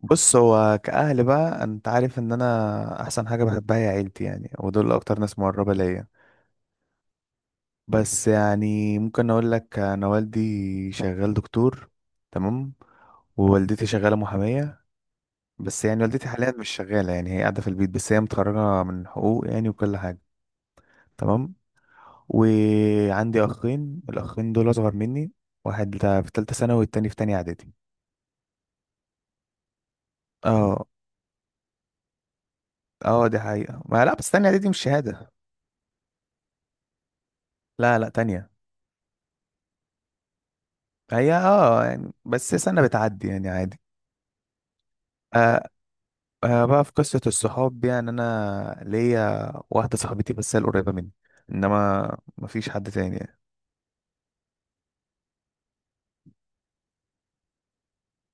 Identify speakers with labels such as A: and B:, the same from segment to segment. A: بص، هو كأهل بقى انت عارف ان انا احسن حاجة بحبها هي عيلتي، يعني ودول اكتر ناس مقربة ليا. بس يعني ممكن اقول لك، انا والدي شغال دكتور. تمام. ووالدتي شغالة محامية. بس يعني والدتي حاليا مش شغالة، يعني هي قاعدة في البيت، بس هي متخرجة من حقوق يعني، وكل حاجة. تمام. وعندي اخين، الاخين دول اصغر مني. واحد في تالتة ثانوي، والتاني في تانية اعدادي. اه. اه، دي حقيقة ما لا، بس تانية اعدادي مش شهادة. لا، لا، تانية. هي يعني بس سنة بتعدي يعني عادي. آه. آه، بقى في قصة الصحاب، يعني أنا ليا واحدة صاحبتي بس هي القريبة مني، إنما مفيش حد تاني يعني.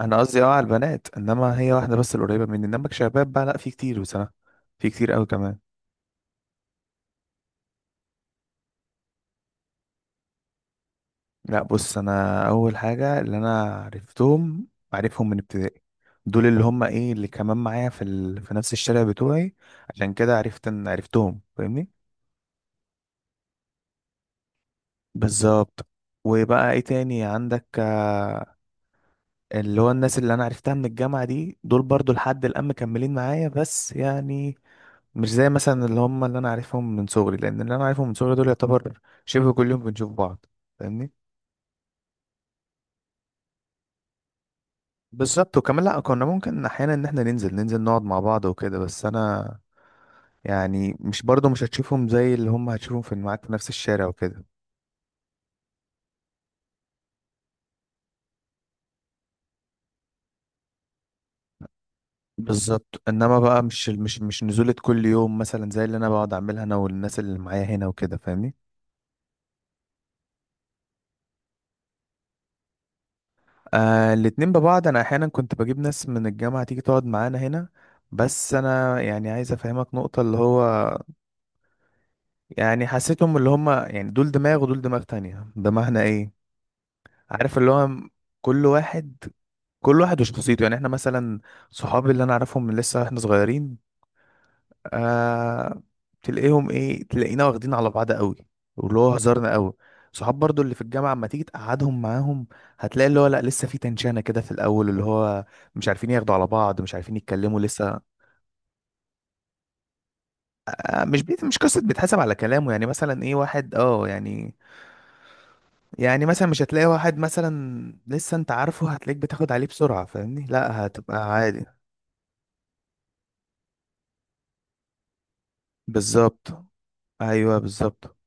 A: أنا قصدي على البنات، إنما هي واحدة بس القريبة مني، إنما كشباب بقى لأ في كتير بصراحة. في كتير أوي كمان. لأ، بص، أنا أول حاجة اللي أنا عارفهم من ابتدائي. دول اللي هم إيه اللي كمان معايا في نفس الشارع بتوعي. عشان كده عرفت إن عرفتهم، فاهمني؟ بالظبط. وبقى ايه تاني عندك؟ اللي هو الناس اللي انا عرفتها من الجامعة دي، دول برضو لحد الآن مكملين معايا، بس يعني مش زي مثلا اللي هم اللي انا عارفهم من صغري، لان اللي انا عارفهم من صغري دول يعتبر شبه كل يوم بنشوف بعض. فاهمني؟ بالظبط. وكمان لا كنا ممكن احيانا ان احنا ننزل نقعد مع بعض وكده، بس انا يعني مش برضو مش هتشوفهم زي اللي هم هتشوفهم في معاك في نفس الشارع وكده. بالظبط، انما بقى مش نزولة كل يوم مثلا زي اللي انا بقعد اعملها انا والناس اللي معايا هنا وكده، فاهمني؟ آه، الاتنين ببعض، انا احيانا كنت بجيب ناس من الجامعة تيجي تقعد معانا هنا. بس انا يعني عايز افهمك نقطة اللي هو يعني حسيتهم اللي هم يعني دول دماغ ودول دماغ تانية، دماغنا ايه؟ عارف اللي هو كل واحد كل واحد وشخصيته. يعني احنا مثلا، صحابي اللي انا اعرفهم من لسه احنا صغيرين، آه، تلاقيهم ايه تلاقينا واخدين على بعض قوي، واللي هو هزارنا قوي. صحاب برضو اللي في الجامعة اما تيجي تقعدهم معاهم، هتلاقي اللي هو لا لسه في تنشانة كده في الأول، اللي هو مش عارفين ياخدوا على بعض، مش عارفين يتكلموا لسه. آه، مش قصة بيتحسب على كلامه، يعني مثلا ايه واحد يعني، يعني مثلا مش هتلاقي واحد مثلا لسه انت عارفه هتلاقيك بتاخد عليه بسرعة، فاهمني؟ لا هتبقى عادي. بالظبط. ايوه، بالظبط.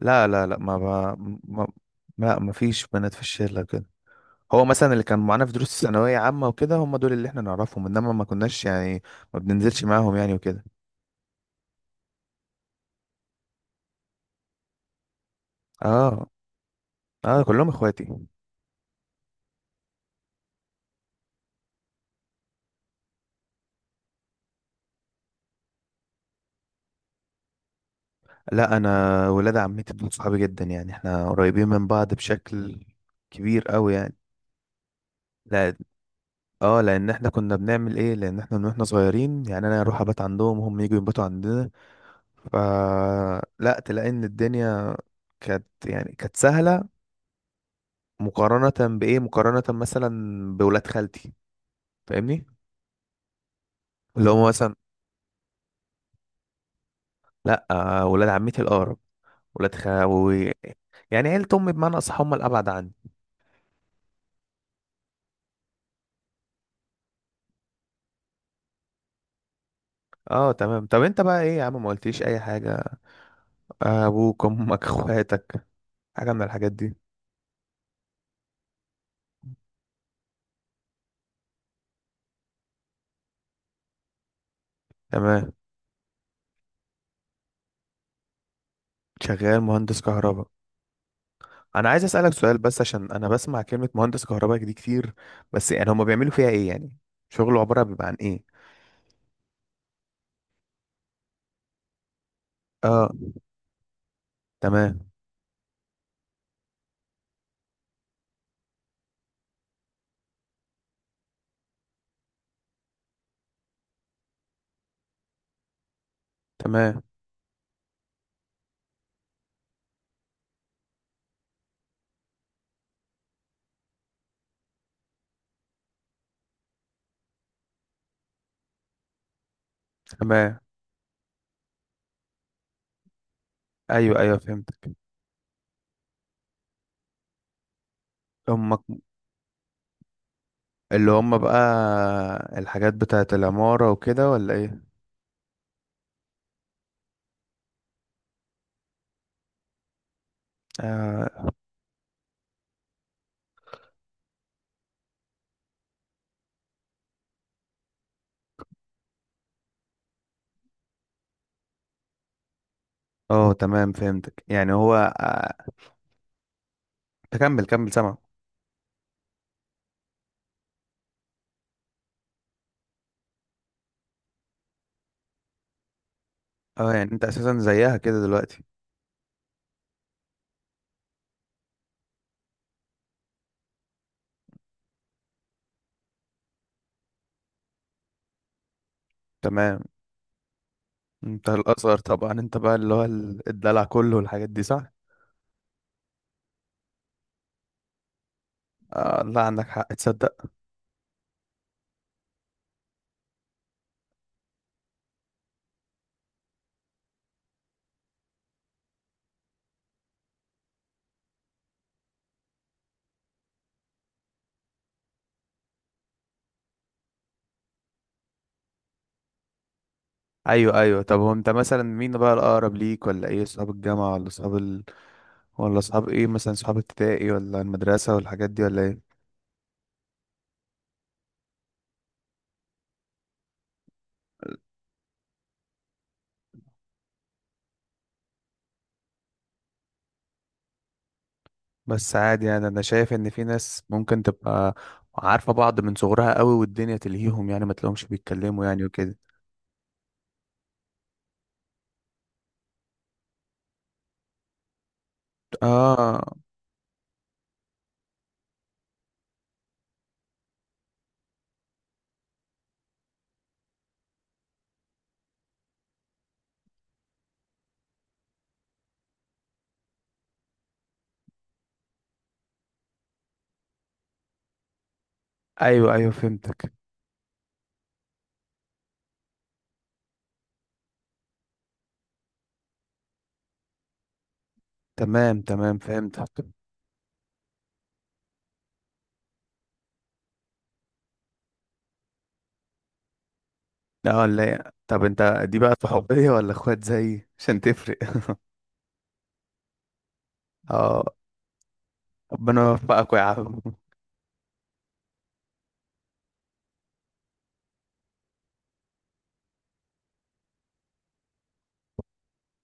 A: لا، لا، لا، ما ما- لا ما فيش بنات في الشلة كده. هو مثلا اللي كان معانا في دروس ثانوية عامة وكده هم دول اللي احنا نعرفهم، انما ما كناش يعني ما بننزلش معاهم يعني وكده. اه. اه، كلهم اخواتي. لا، انا ولاد عمتي دول صحابي جدا، يعني احنا قريبين من بعض بشكل كبير قوي يعني. لا. اه، لان احنا كنا بنعمل ايه، لان احنا من واحنا صغيرين يعني انا اروح ابات عندهم وهم يجوا يباتوا عندنا. ف لا تلاقي ان الدنيا كانت سهلة، مقارنة مثلا بولاد خالتي، فاهمني؟ اللي هم مثلا، لا، آه، ولاد عمتي الأقرب. ولاد خاوي، يعني عيلة أمي بمعنى أصح هم الأبعد عني. اه تمام. طب انت بقى ايه يا عم، ما قلتليش اي حاجة، ابوك، امك، اخواتك، حاجة من الحاجات دي. تمام. شغال مهندس كهرباء. انا عايز اسألك سؤال، بس عشان انا بسمع كلمة مهندس كهرباء دي كتير. بس يعني هما بيعملوا فيها ايه يعني؟ شغله عبارة بيبقى عن ايه؟ اه تمام. تمام. تمام. ايوه، ايوه، فهمتك. امك. اللي هم بقى الحاجات بتاعت العمارة وكده ولا ايه؟ آه. اه، تمام، فهمتك يعني هو، آه، كمل، سمع. اه، يعني انت اساسا زيها كده دلوقتي. تمام. انت الاصغر طبعا، انت بقى اللي هو الدلع كله والحاجات دي، صح؟ آه لا، عندك حق، تصدق. ايوه، ايوه، طب هو انت مثلا مين بقى الاقرب ليك، ولا ايه اصحاب الجامعه ولا ولا اصحاب ايه، مثلا اصحاب ابتدائي ولا المدرسه والحاجات دي ولا ايه؟ بس عادي، يعني انا شايف ان في ناس ممكن تبقى عارفه بعض من صغرها قوي والدنيا تلهيهم، يعني ما تلاقيهمش بيتكلموا يعني وكده. اه. ايوه، ايوه، فهمتك. تمام، تمام، فهمتك. لا، ولا طب انت، دي بقى صحوبية ولا اخوات زيي، عشان تفرق؟ اه. ربنا يوفقك يا عم.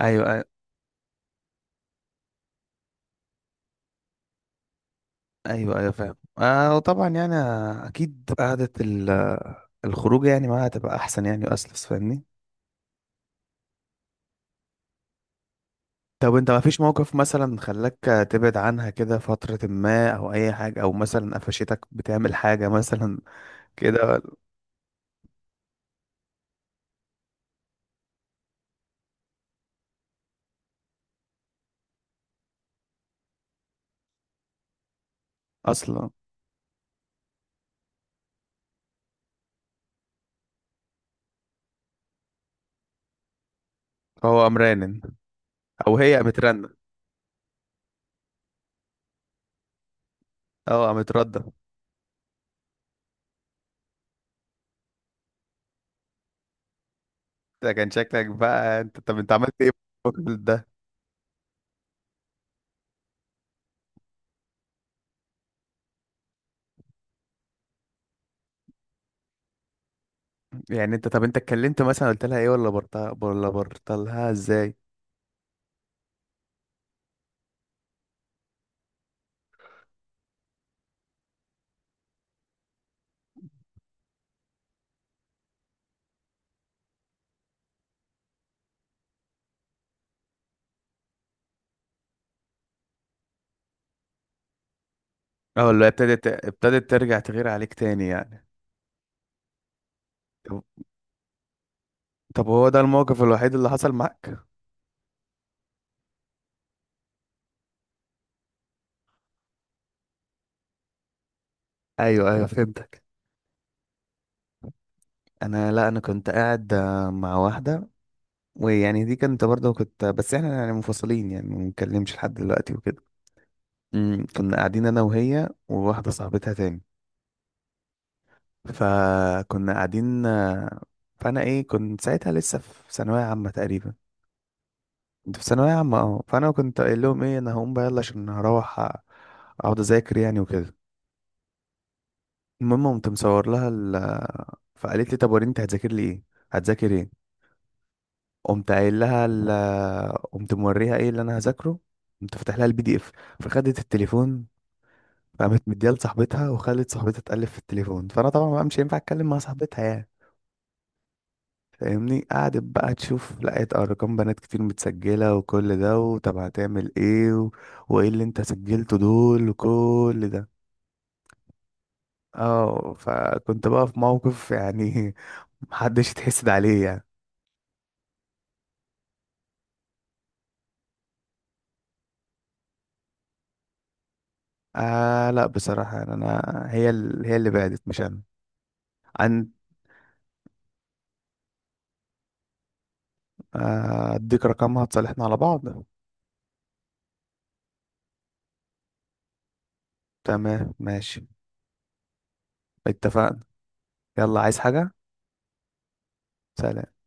A: ايوه، ايوه، ايوه، أيوة، فاهم. آه، وطبعا يعني اكيد قعدة الخروج يعني معاها تبقى احسن يعني واسلس، فاهمني؟ طب انت ما فيش موقف مثلا خلاك تبعد عنها كده فترة ما، او اي حاجة، او مثلا قفشتك بتعمل حاجة مثلا كده؟ اصلا فهو قام رنن، او هي قامت رنة. اه قامت ردة. ده كان شكلك بقى انت. طب انت عملت ايه في الوقت ده؟ يعني انت، طب انت اتكلمت مثلا قلت لها ايه، ولا برطها ولا برطلها ازاي؟ اه ولا ابتدت ترجع تغير عليك تاني يعني؟ طب طب هو ده الموقف الوحيد اللي حصل معاك؟ ايوه، ايوه، فهمتك. انا لا، انا كنت قاعد، مع واحده، ويعني دي كنت برضه كنت بس احنا يعني منفصلين، يعني ما بنتكلمش لحد دلوقتي وكده. كنا قاعدين انا وهي وواحده صاحبتها تاني. فكنا قاعدين، فانا ايه كنت ساعتها لسه في ثانويه عامه تقريبا. كنت في ثانويه عامه، فانا كنت قايل لهم ايه، انا هقوم بقى يلا عشان هروح اقعد اذاكر يعني وكده. المهم قمت مصور لها فقالت لي طب وريني انت هتذاكر لي ايه، هتذاكر ايه. قمت قايل لها قمت موريها ايه اللي انا هذاكره. قمت فاتح لها الـPDF. فخدت التليفون، فقامت مديها لصاحبتها وخلت صاحبتها تقلب في التليفون. فانا طبعا بقى مش هينفع اتكلم مع صاحبتها يعني، فاهمني؟ قعدت بقى تشوف، لقيت ارقام بنات كتير متسجله وكل ده، وطب هتعمل ايه و... وايه اللي انت سجلته دول وكل ده. اه فكنت بقى في موقف يعني محدش يتحسد عليه يعني. آه لا، بصراحه يعني انا، هي اللي بعدت مش انا عن. اديك رقمها تصالحنا على بعض. تمام، ماشي. اتفقنا. يلا، عايز حاجه؟ سلام.